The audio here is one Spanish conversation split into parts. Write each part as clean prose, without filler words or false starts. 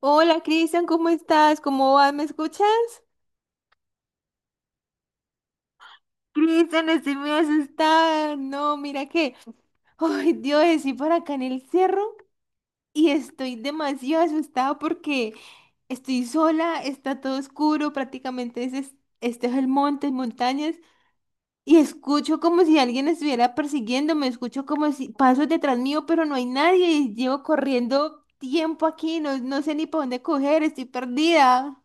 Hola Cristian, ¿cómo estás? ¿Cómo vas? ¿Me escuchas? Cristian, estoy muy asustada. No, mira que, ay Dios, estoy por acá en el cerro y estoy demasiado asustada porque estoy sola, está todo oscuro, prácticamente este es el monte, montañas, y escucho como si alguien estuviera persiguiéndome, escucho como si pasos detrás mío, pero no hay nadie y llevo corriendo tiempo aquí, no, no sé ni para dónde coger, estoy perdida.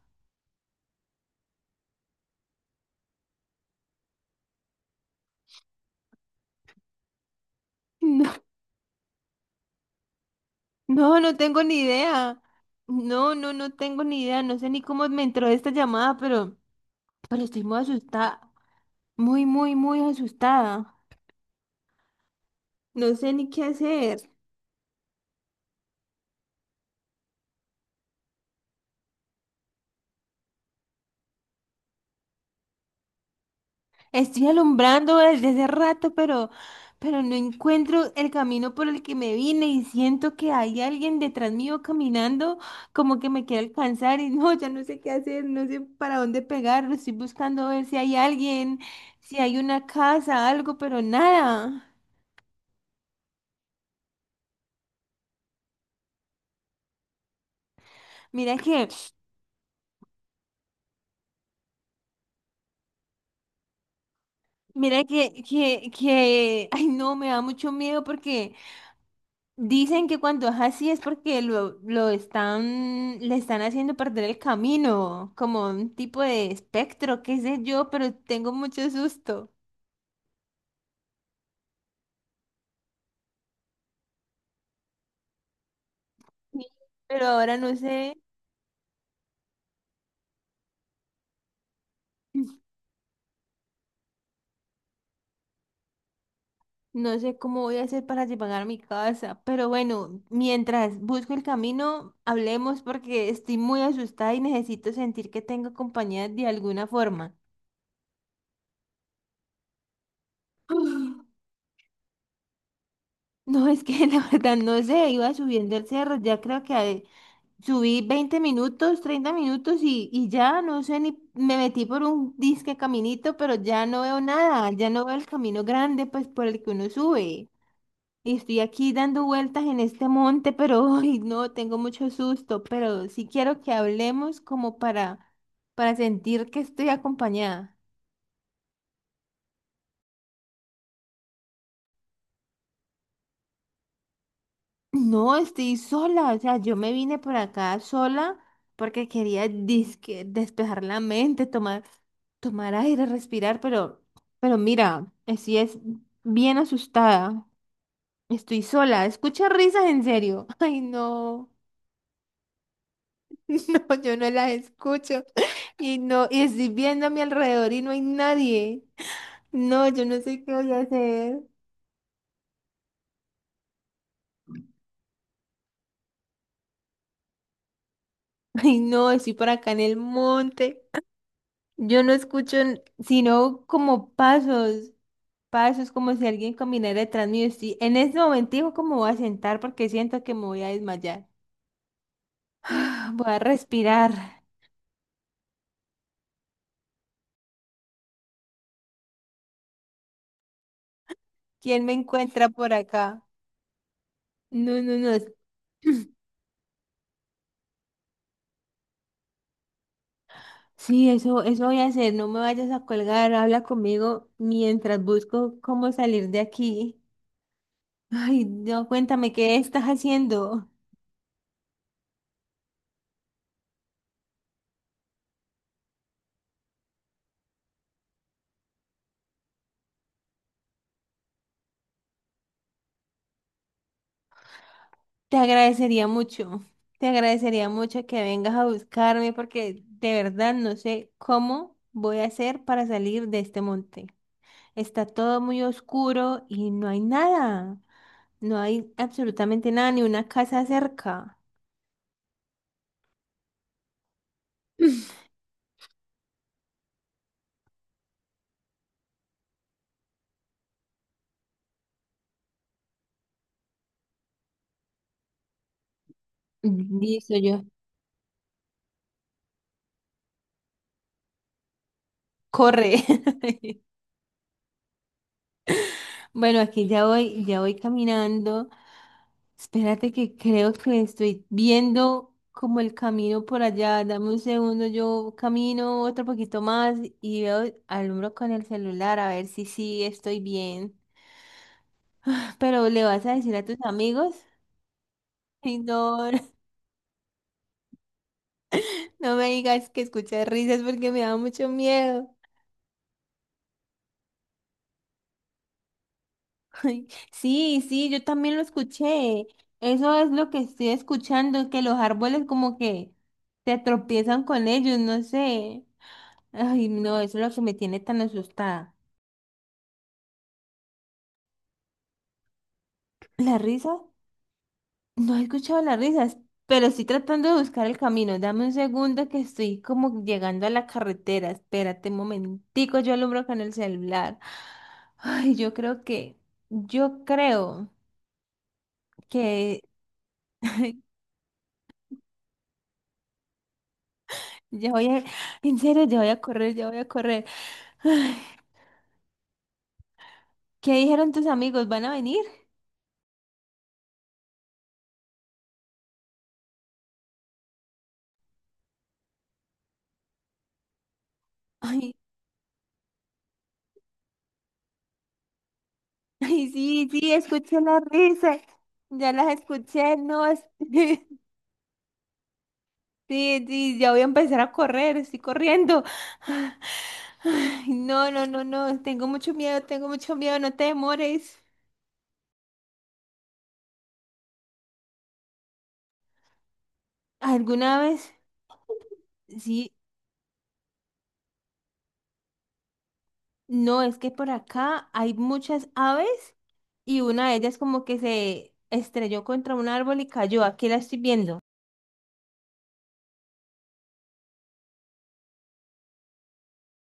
No, no tengo ni idea. No, no, no tengo ni idea. No sé ni cómo me entró esta llamada, pero estoy muy asustada. Muy, muy, muy asustada. No sé ni qué hacer. Estoy alumbrando desde hace rato, pero no encuentro el camino por el que me vine y siento que hay alguien detrás mío caminando como que me quiere alcanzar y no, ya no sé qué hacer, no sé para dónde pegar. Estoy buscando ver si hay alguien, si hay una casa, algo, pero nada. Mira que... Mira que, ay no, me da mucho miedo porque dicen que cuando es así es porque le están haciendo perder el camino, como un tipo de espectro, qué sé yo, pero tengo mucho susto. Sí. Pero ahora no sé, no sé cómo voy a hacer para llegar a mi casa. Pero bueno, mientras busco el camino, hablemos porque estoy muy asustada y necesito sentir que tengo compañía de alguna forma. No, es que la verdad no sé, iba subiendo el cerro, ya creo que subí 20 minutos, 30 minutos y ya no sé ni, me metí por un disque caminito, pero ya no veo nada, ya no veo el camino grande pues por el que uno sube. Y estoy aquí dando vueltas en este monte, pero ay, no, tengo mucho susto, pero sí quiero que hablemos como para sentir que estoy acompañada. No, estoy sola, o sea, yo me vine por acá sola porque quería disque despejar la mente, tomar aire, respirar, pero mira, estoy es bien asustada. Estoy sola, escucha risas en serio. Ay, no, no, yo no las escucho. Y no, y estoy viendo a mi alrededor y no hay nadie. No, yo no sé qué voy a hacer. Ay, no, estoy por acá en el monte. Yo no escucho n- sino como pasos. Pa, eso es como si alguien caminara detrás mío. Estoy- en este momentico como voy a sentar porque siento que me voy a desmayar. Voy a respirar. ¿Quién me encuentra por acá? No, no, no. Sí, eso voy a hacer. No me vayas a colgar. Habla conmigo mientras busco cómo salir de aquí. Ay, no, cuéntame qué estás haciendo. Te agradecería mucho. Te agradecería mucho que vengas a buscarme porque de verdad no sé cómo voy a hacer para salir de este monte. Está todo muy oscuro y no hay nada. No hay absolutamente nada, ni una casa cerca. Listo, yo. Corre. Bueno, aquí ya voy caminando. Espérate que creo que estoy viendo como el camino por allá. Dame un segundo, yo camino otro poquito más y veo, alumbro con el celular a ver si sí estoy bien. Pero ¿le vas a decir a tus amigos? Ay, no. No me digas que escuché risas porque me da mucho miedo. Ay, sí, sí, yo también lo escuché. Eso es lo que estoy escuchando, que los árboles como que se tropiezan con ellos, no sé. Ay, no, eso es lo que me tiene tan asustada. ¿La risa? No he escuchado las risas, pero estoy tratando de buscar el camino. Dame un segundo que estoy como llegando a la carretera. Espérate un momentico, yo alumbro con el celular. Ay, yo creo que ya voy a, en serio, ya voy a correr, ya voy a correr. Ay, ¿qué dijeron tus amigos? ¿Van a venir? Ay, ay, sí, sí, escuché la risa. Ya las escuché, no. es- Sí, sí, ya voy a empezar a correr, estoy corriendo. Ay, no, no, no, no, tengo mucho miedo, no te demores. ¿Alguna vez? Sí, no, es que por acá hay muchas aves y una de ellas como que se estrelló contra un árbol y cayó. Aquí la estoy viendo.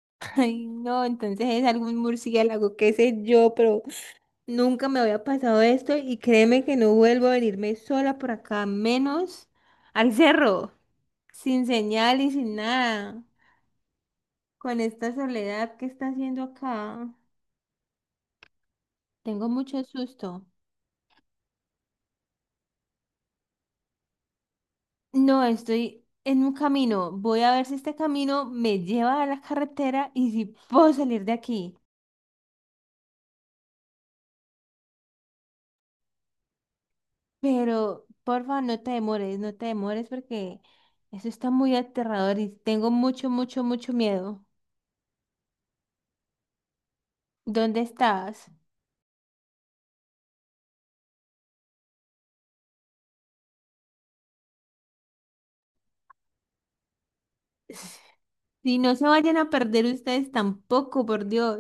Ay, no, entonces es algún murciélago, qué sé yo, pero nunca me había pasado esto y créeme que no vuelvo a venirme sola por acá, menos al cerro, sin señal y sin nada, con esta soledad que está haciendo acá. Tengo mucho susto. No, estoy en un camino. Voy a ver si este camino me lleva a la carretera y si puedo salir de aquí. Pero, porfa, no te demores, no te demores porque eso está muy aterrador y tengo mucho, mucho, mucho miedo. ¿Dónde estás? Si no se vayan a perder ustedes tampoco, por Dios.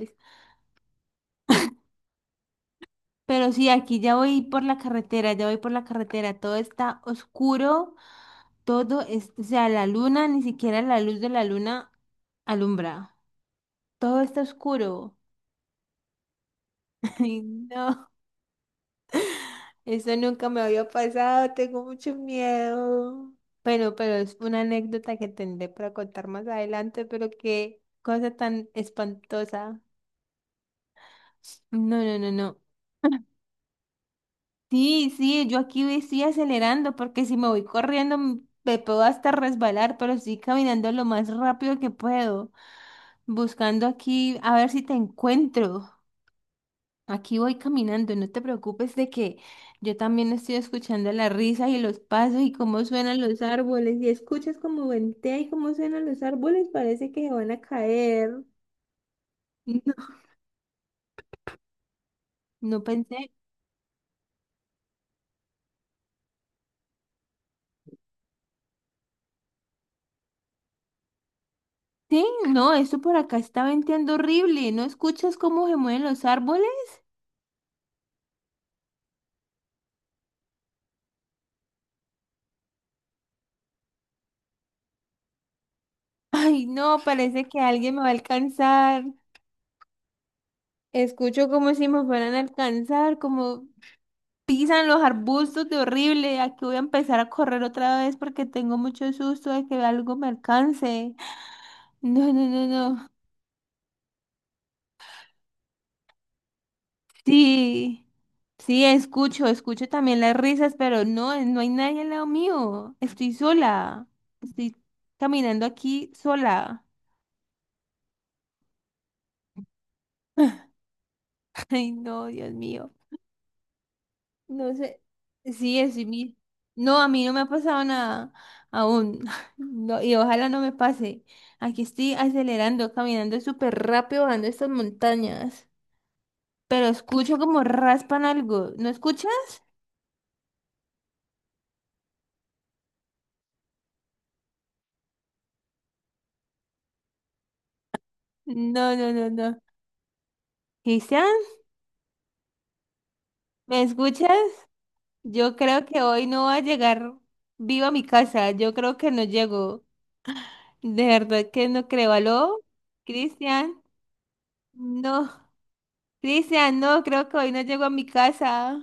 Pero sí, aquí ya voy por la carretera, ya voy por la carretera. Todo está oscuro, todo es, o sea, la luna, ni siquiera la luz de la luna alumbra. Todo está oscuro. Ay, no, eso nunca me había pasado, tengo mucho miedo. Bueno, pero es una anécdota que tendré para contar más adelante, pero qué cosa tan espantosa. No, no, no, no. Sí, sí, yo aquí ve- estoy acelerando porque si me voy corriendo m- me puedo hasta resbalar, pero estoy caminando lo más rápido que puedo, buscando aquí a ver si te encuentro. Aquí voy caminando, no te preocupes de que yo también estoy escuchando la risa y los pasos y cómo suenan los árboles. Y escuchas cómo ventea y cómo suenan los árboles, parece que se van a caer. No, no pensé. Sí, no, esto por acá está venteando horrible. ¿No escuchas cómo se mueven los árboles? Ay, no, parece que alguien me va a alcanzar. Escucho como si me fueran a alcanzar, como pisan los arbustos de horrible. Aquí voy a empezar a correr otra vez porque tengo mucho susto de que algo me alcance. No, no, no, no. Sí, sí, escucho también las risas, pero no, no hay nadie al lado mío. Estoy sola. Estoy caminando aquí sola. Ay, no, Dios mío. No sé. Sí, es mi... No, a mí no me ha pasado nada aún. No, y ojalá no me pase. Aquí estoy acelerando, caminando súper rápido, bajando estas montañas. Pero escucho como raspan algo. ¿No escuchas? No, no, no, no. Cristian, ¿me escuchas? Yo creo que hoy no va a llegar viva a mi casa. Yo creo que no llego. De verdad que no creo. ¿Aló? Cristian, no. Cristian, no, creo que hoy no llego a mi casa.